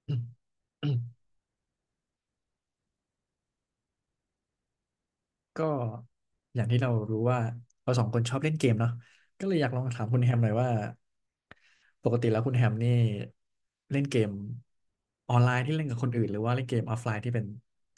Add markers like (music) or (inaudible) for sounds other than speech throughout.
(coughs) อืมอืมก็อย่างที่เรารู้ว่าเราสองคนชอบเล่นเกมเนาะก็เลยอยากลองถามคุณแฮมหน่อยว่าปกติแล้วคุณแฮมนี่เล่นเกมออนไลน์ที่เล่นกับคนอื่นหรือว่าเล่นเกมออฟไลน์ที่เป็น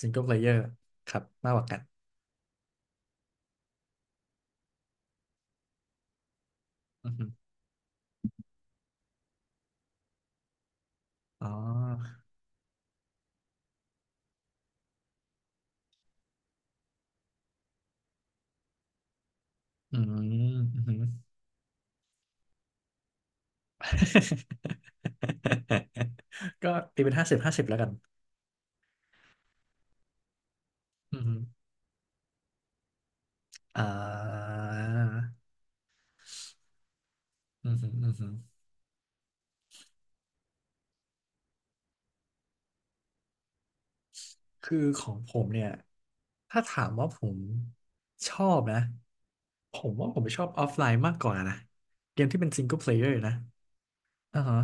ซิงเกิลเพลเยอร์ครับมากกว่ากันอือฮึอ๋ออืมอือฮึ (laughs) ก็ตีเป็นห้าสิบห้าสิบแล้วกันอือฮึอ่าอืมอมอืม คือของผมเนี่ยถ้าถามว่าผมชอบนะผมว่าผมชอบออฟไลน์มากกว่านะเกมที่เป็นซิงเกิลเพลเยอร์นะอ่าฮะ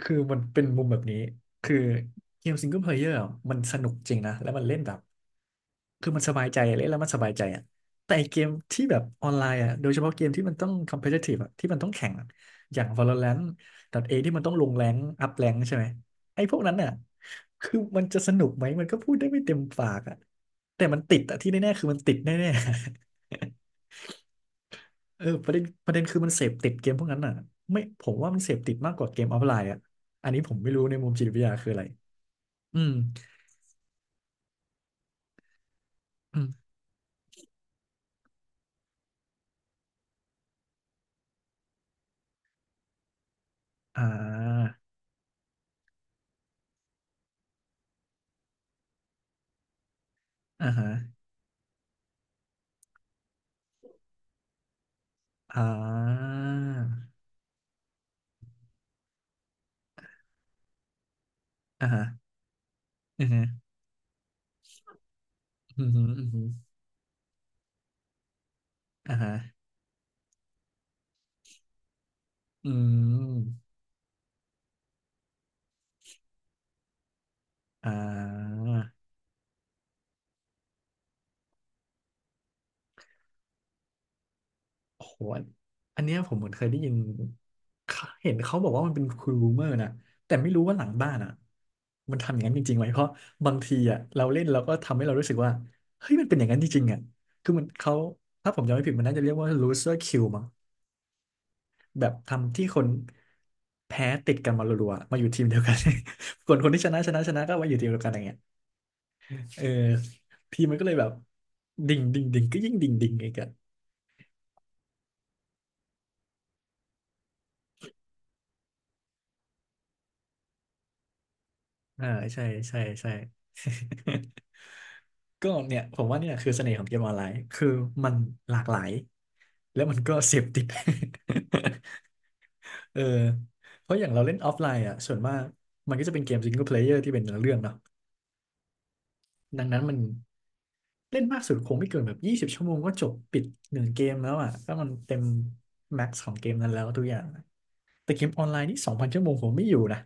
คือมันเป็นมุมแบบนี้ คือเกมซิงเกิลเพลเยอร์มันสนุกจริงนะ แล้วมันเล่นแบบ คือมันสบายใจเล่นแล้วมันสบายใจอ่ะแต่ไอ้เกมที่แบบออนไลน์อ่ะโดยเฉพาะเกมที่มันต้อง competitive อ่ะที่มันต้องแข่งอะอย่าง Valorant .A ทเอที่มันต้องลงแรงอัพแรงใช่ไหมไอ้พวกนั้นอ่ะคือมันจะสนุกไหม มันก็พูดได้ไม่เต็มปากอ่ะแต่มันติดอ่ะที่แน่ๆคือมันติดแน่ เออประเด็นคือมันเสพติดเกมพวกนั้นอ่ะไม่ผมว่ามันเสพติดมากกว่าเกมออฟไลน์อ่ะอันนี้ผมไม่รู้ในมุมจิตวิทยาคืออะไรอืมอืมอ่าอ่าฮะอ่าอ่าฮะอือฮึอือฮึอือฮึอ่าฮะอืมอ่า โอ้โหอันเนี้ยผมเหมือนเคยได้ยินเขาเห็นเขาบอกว่ามันเป็นคูรูเมอร์นะแต่ไม่รู้ว่าหลังบ้านอ่ะมันทำอย่างนั้นจริงๆไหมเพราะบางทีอ่ะเราเล่นเราก็ทำให้เรารู้สึกว่าเฮ้ยมันเป็นอย่างนั้นจริงๆอ่ะคือมันเขา ถ้าผมจำไม่ผิดมันน่าจะเรียกว่า loser kill มั้งแบบทำที่คนแพ้ติดกันมารัวๆมาอยู่ทีมเดียวกัน (laughs) คนคนที่ชนะชนะชนะก็มาอยู่ทีมเดียวกันอย่างเงี้ยเออทีมมันก็เลยแบบดิ่งดิ่งดิ่งก็ยิ่งดิ่งดิ่งอีกอ่ะอ่าใช่ใช่ (laughs) ก็เนี่ยผมว่าเนี่ยคือเสน่ห์ของเกมออนไลน์คือมันหลากหลายแล้วมันก็เสพติด (laughs) เออเพราะอย่างเราเล่นออฟไลน์อ่ะส่วนมากมันก็จะเป็นเกมซิงเกิลเพลเยอร์ที่เป็นเนื้อเรื่องเนาะดังนั้นมันเล่นมากสุดคงไม่เกินแบบ20 ชั่วโมงก็จบปิดหนึ่งเกมแล้วอ่ะถ้ามันเต็มแม็กซ์ของเกมนั้นแล้วทุกอย่างแต่เกมออนไลน์นี่2,000 ชั่วโมงผมไม่อยู่นะ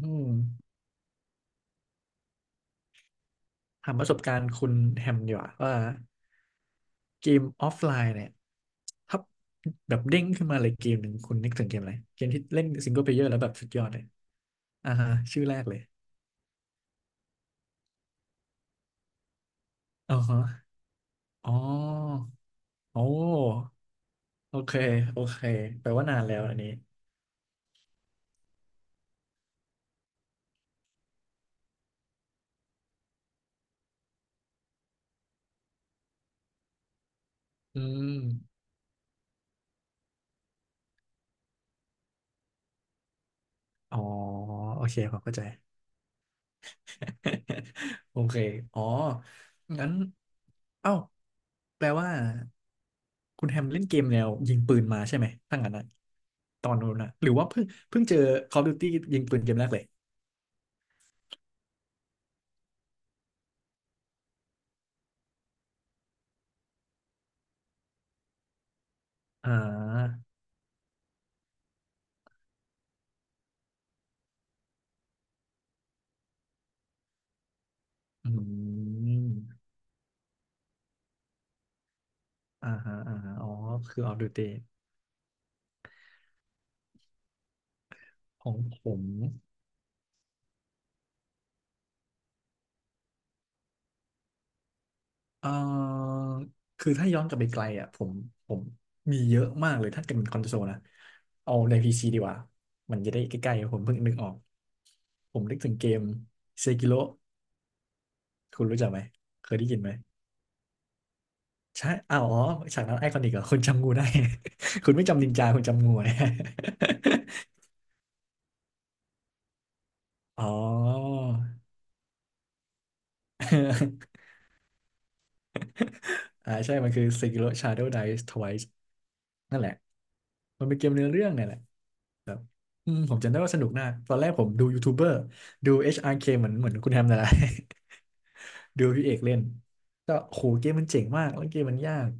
อืม ถามประสบการณ์คุณแฮมดีกว่าว่าเกมออฟไลน์เนี่ยถ้าแบบเด้งขึ้นมาเลยเกมหนึ่งคุณนึกถึงเกมอะไรเกมที่เล่นซิงเกิลเพลเยอร์แล้วแบบสุดยอดเลยอ่าฮะชื่อแรกเลยอ๋อฮะอ๋อโอ้โอเคโอเคแปลว่านานแล้วอันนี้อืมอ๋อโอเคผมเข้าใจ (laughs) โอเคอ๋องั้นเอ้าแปลว่า คุณแฮมเล่นเกมแนวยิงปืนมาใช่ไหมตั้งงั้นนะตอนนู้นนะหรือว่าเพิ่งเจอ Call of Duty ยิงปืนเกมแรกเลยอ่าอืมอ่าฮะอ่าฮะอ๋อคือ Call of Duty ของผมเอ่อคือถ้าย้อนกลับไปไกลอ่ะผมมีเยอะมากเลยถ้าเกิดเป็นคอนโซลนะเอาใน PC ดีกว่ามันจะได้ใกล้ๆผมเพิ่งนึกออกผมนึกถึงเกมเซกิโ o คุณรู้จักไหมเคยได้ยินไหม ใช่อ้าวอ๋อฉากนั้นไอคอนิกเหรอคุณจำงูได้ (laughs) คุณไม่จำนินจาคุณจำงูนะ (laughs) อ๋อ (laughs) อ่าใช่ มันคือ Sekiro Shadow Dies Twice นั่นแหละ มันเป็นเกมเนื้อเรื่องเนี่ยแหละอืมผมจำได้ว่าสนุกมากตอนแรกผมดูยูทูบเบอร์ดู HRK เคเหมือนคุณแฮมนั่นแหละ (laughs) ดูพี่เอกเล่น ก็โหเกมมันเจ๋งมากแล้วเกมมันยาก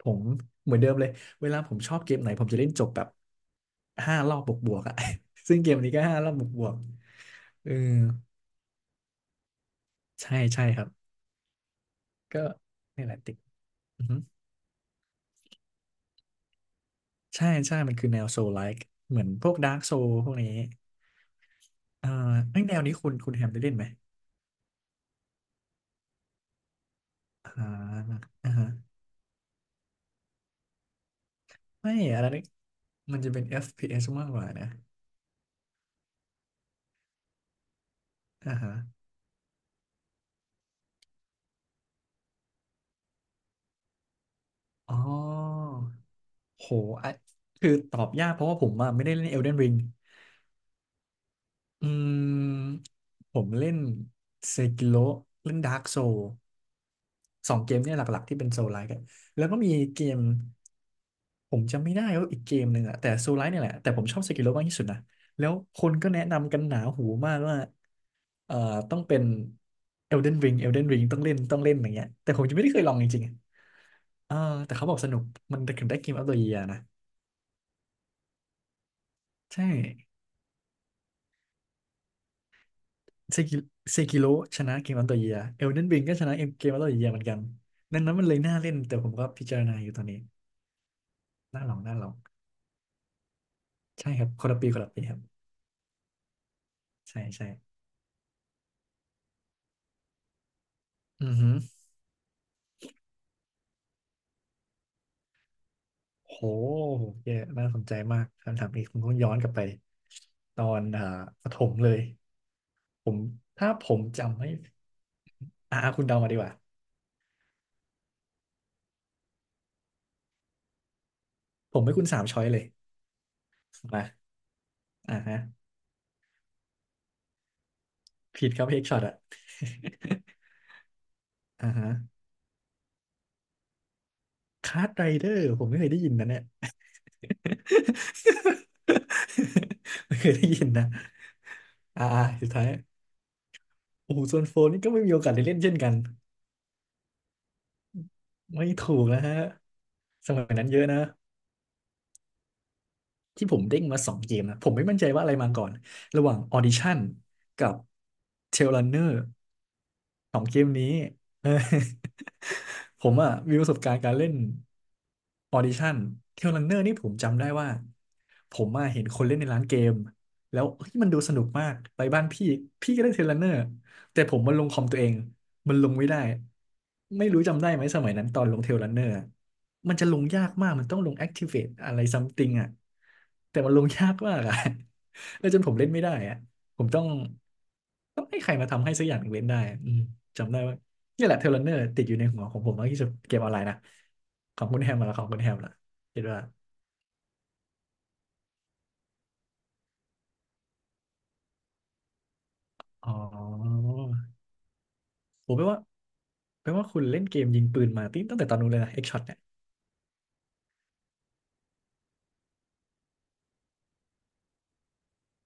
ผมเหมือนเดิมเลย เวลาผมชอบเกมไหนผมจะเล่นจบแบบห้ารอบบวกๆอะ (laughs) ซึ่งเกมนี้ก็5 รอบบวกๆเออ ใช่ใช่ครับก็นี่แหละติกอือฮึใช่ใช่มันคือแนวโซลไลค์เหมือนพวกดาร์กโซพวกนี้อ่าไอ้ยแนวนี้คุณแฮมได้เล่นไหมอ่าอ่าฮะไม่อะไรนี่มันจะเป็น FPS มากกว่านะอ่าฮะอ๋อโหอ่ะคือตอบยากเพราะว่าผมอะไม่ได้เล่น Elden Ring อืมผมเล่นเซกิโ o เล่นดาร์กโซสองเกมเนี่ยหลักๆที่เป็นโซลไลค์แล้วก็มีเกม ผมจำไม่ได้ว่าอีกเกมหนึ่งอะแต่โซลไลท์เนี่ยแหละแต่ผมชอบเซกิโรมากที่สุดนะแล้วคนก็แนะนำกันหนาหูมากว่าเอ่อต้องเป็น Elden Ring Elden Ring ต้องเล่นต้องเล่นอย่างเงี้ยแต่ผมยังไม่ได้เคยลองจริงๆอะเออแต่เขาบอกสนุกมันถึงได้เกมอั t ตัวเยียนะใช่เซกิเซกิโรชนะเกมอั t ตัวเยีย Elden Ring ก็ชนะเกมอั t ตัวเยียเหมือนกันดังนั้นมันเลยน่าเล่นแต่ผมก็พิจารณาอยู่ตอนนี้น่าลองน่าลองใช่ครับคนละปีคนละปีครับใช่ใช่อือฮึ โหเยอะน่าสนใจมากคำถามนี้ผมต้องย้อนกลับไปตอนประถมเลยผมถ้าผมจำไม่คุณเดามาดีกว่าผมให้คุณสามช้อยเลยมาอ่าฮะผิดครับเฮกช็อตอะ (laughs) อ่าฮะคาร์ดไรเดอร์ผมไม่เคยได้ยินนะเนี่ย (laughs) ไม่เคยได้ยินนะอ่าสุดท้ายโอ้โหส่วนโฟนนี่ก็ไม่มีโอกาสได้เล่นเช่นกันไม่ถูกนะฮะสมัยนั้นเยอะนะ ที่ผมเด้งมาสองเกมนะผมไม่มั่นใจว่าอะไรมาก่อนระหว่าง Audition กับ Tail Runner เออ (laughs) ผมอ่ะมีประสบการณ์การเล่นออดิชั่นเทรลรันเนอร์นี่ผมจำได้ว่าผมอะเห็นคนเล่นในร้านเกมแล้วเฮ้ยมันดูสนุกมากไปบ้านพี่พี่ก็เล่นเทรลรันเนอร์แต่ผมมันลงคอมตัวเองมันลงไม่ได้ไม่รู้จำได้ไหมสมัยนั้นตอนลงเทรลรันเนอร์มันจะลงยากมากมันต้องลง Activate อะไรซัมติงอ่ะแต่มันลงยากมากอ่ะ (laughs) แล้วจนผมเล่นไม่ได้อ่ะ ผมต้องให้ใครมาทำให้สักอย่างหนึ่งเว้นได้อืมจำได้ว่านี่แหละเทเลเนอร์ติดอยู่ในหัวของผมมากที่สุดเกมออนไลน์นะของคุณแฮมมาแล้วของคุณแฮมล่ะคิดว่าอ๋อผมแปลว่าคุณเล่นเกมยิงปืนมาตั้งแต่ตอนนู้นเลยนะเอ็กช็อตเนี่ย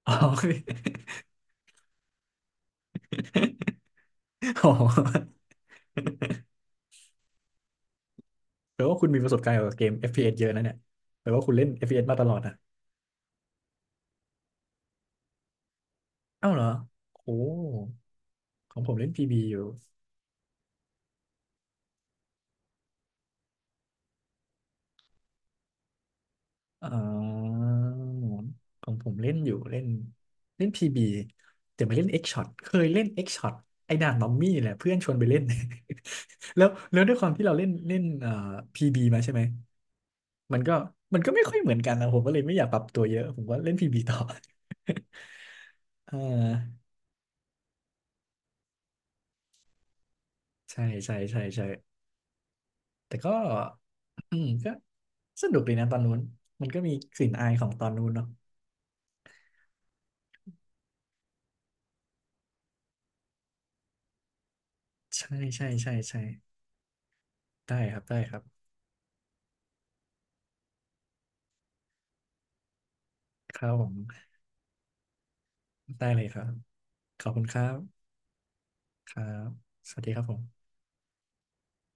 อ๋อ (laughs) อ๋อแปลว่าคุณมีประสบการณ์เกี่ยวกับเกม FPS เอสเยอะนะเนี่ยแปลว่าคุณเล่น FPS มาตลอดนะเอ้าวเหรอโอ้ของผมเล่น PB อยู่ อ๋อของผมเล่นอยู่เล่นเล่นพีบีแต่ไม่เล่นเอ็กช็อตเคยเล่นเอ็กช็อตไอ้ด่านมัมมี่แหละเพื่อนชวนไปเล่น (laughs) แล้วด้วยความที่เราเล่นเล่นพีบีมาใช่ไหมมันก็มันก็ไม่ค่อยเหมือนกันนะผมก็เลยไม่อยากปรับตัวเยอะผมก็เล่นพีบีต่อ (laughs) อ่าใช่ใช่ใช่ใช่แต่ก็อืมก็สนุกดีนะตอนนู้นมันก็มีกลิ่นอายของตอนนู้นเนาะใช่ใช่ใช่ใช่ได้ครับได้ครับครับผมได้เลยครับ ขอบคุณครับครับ สวัสดีครับผม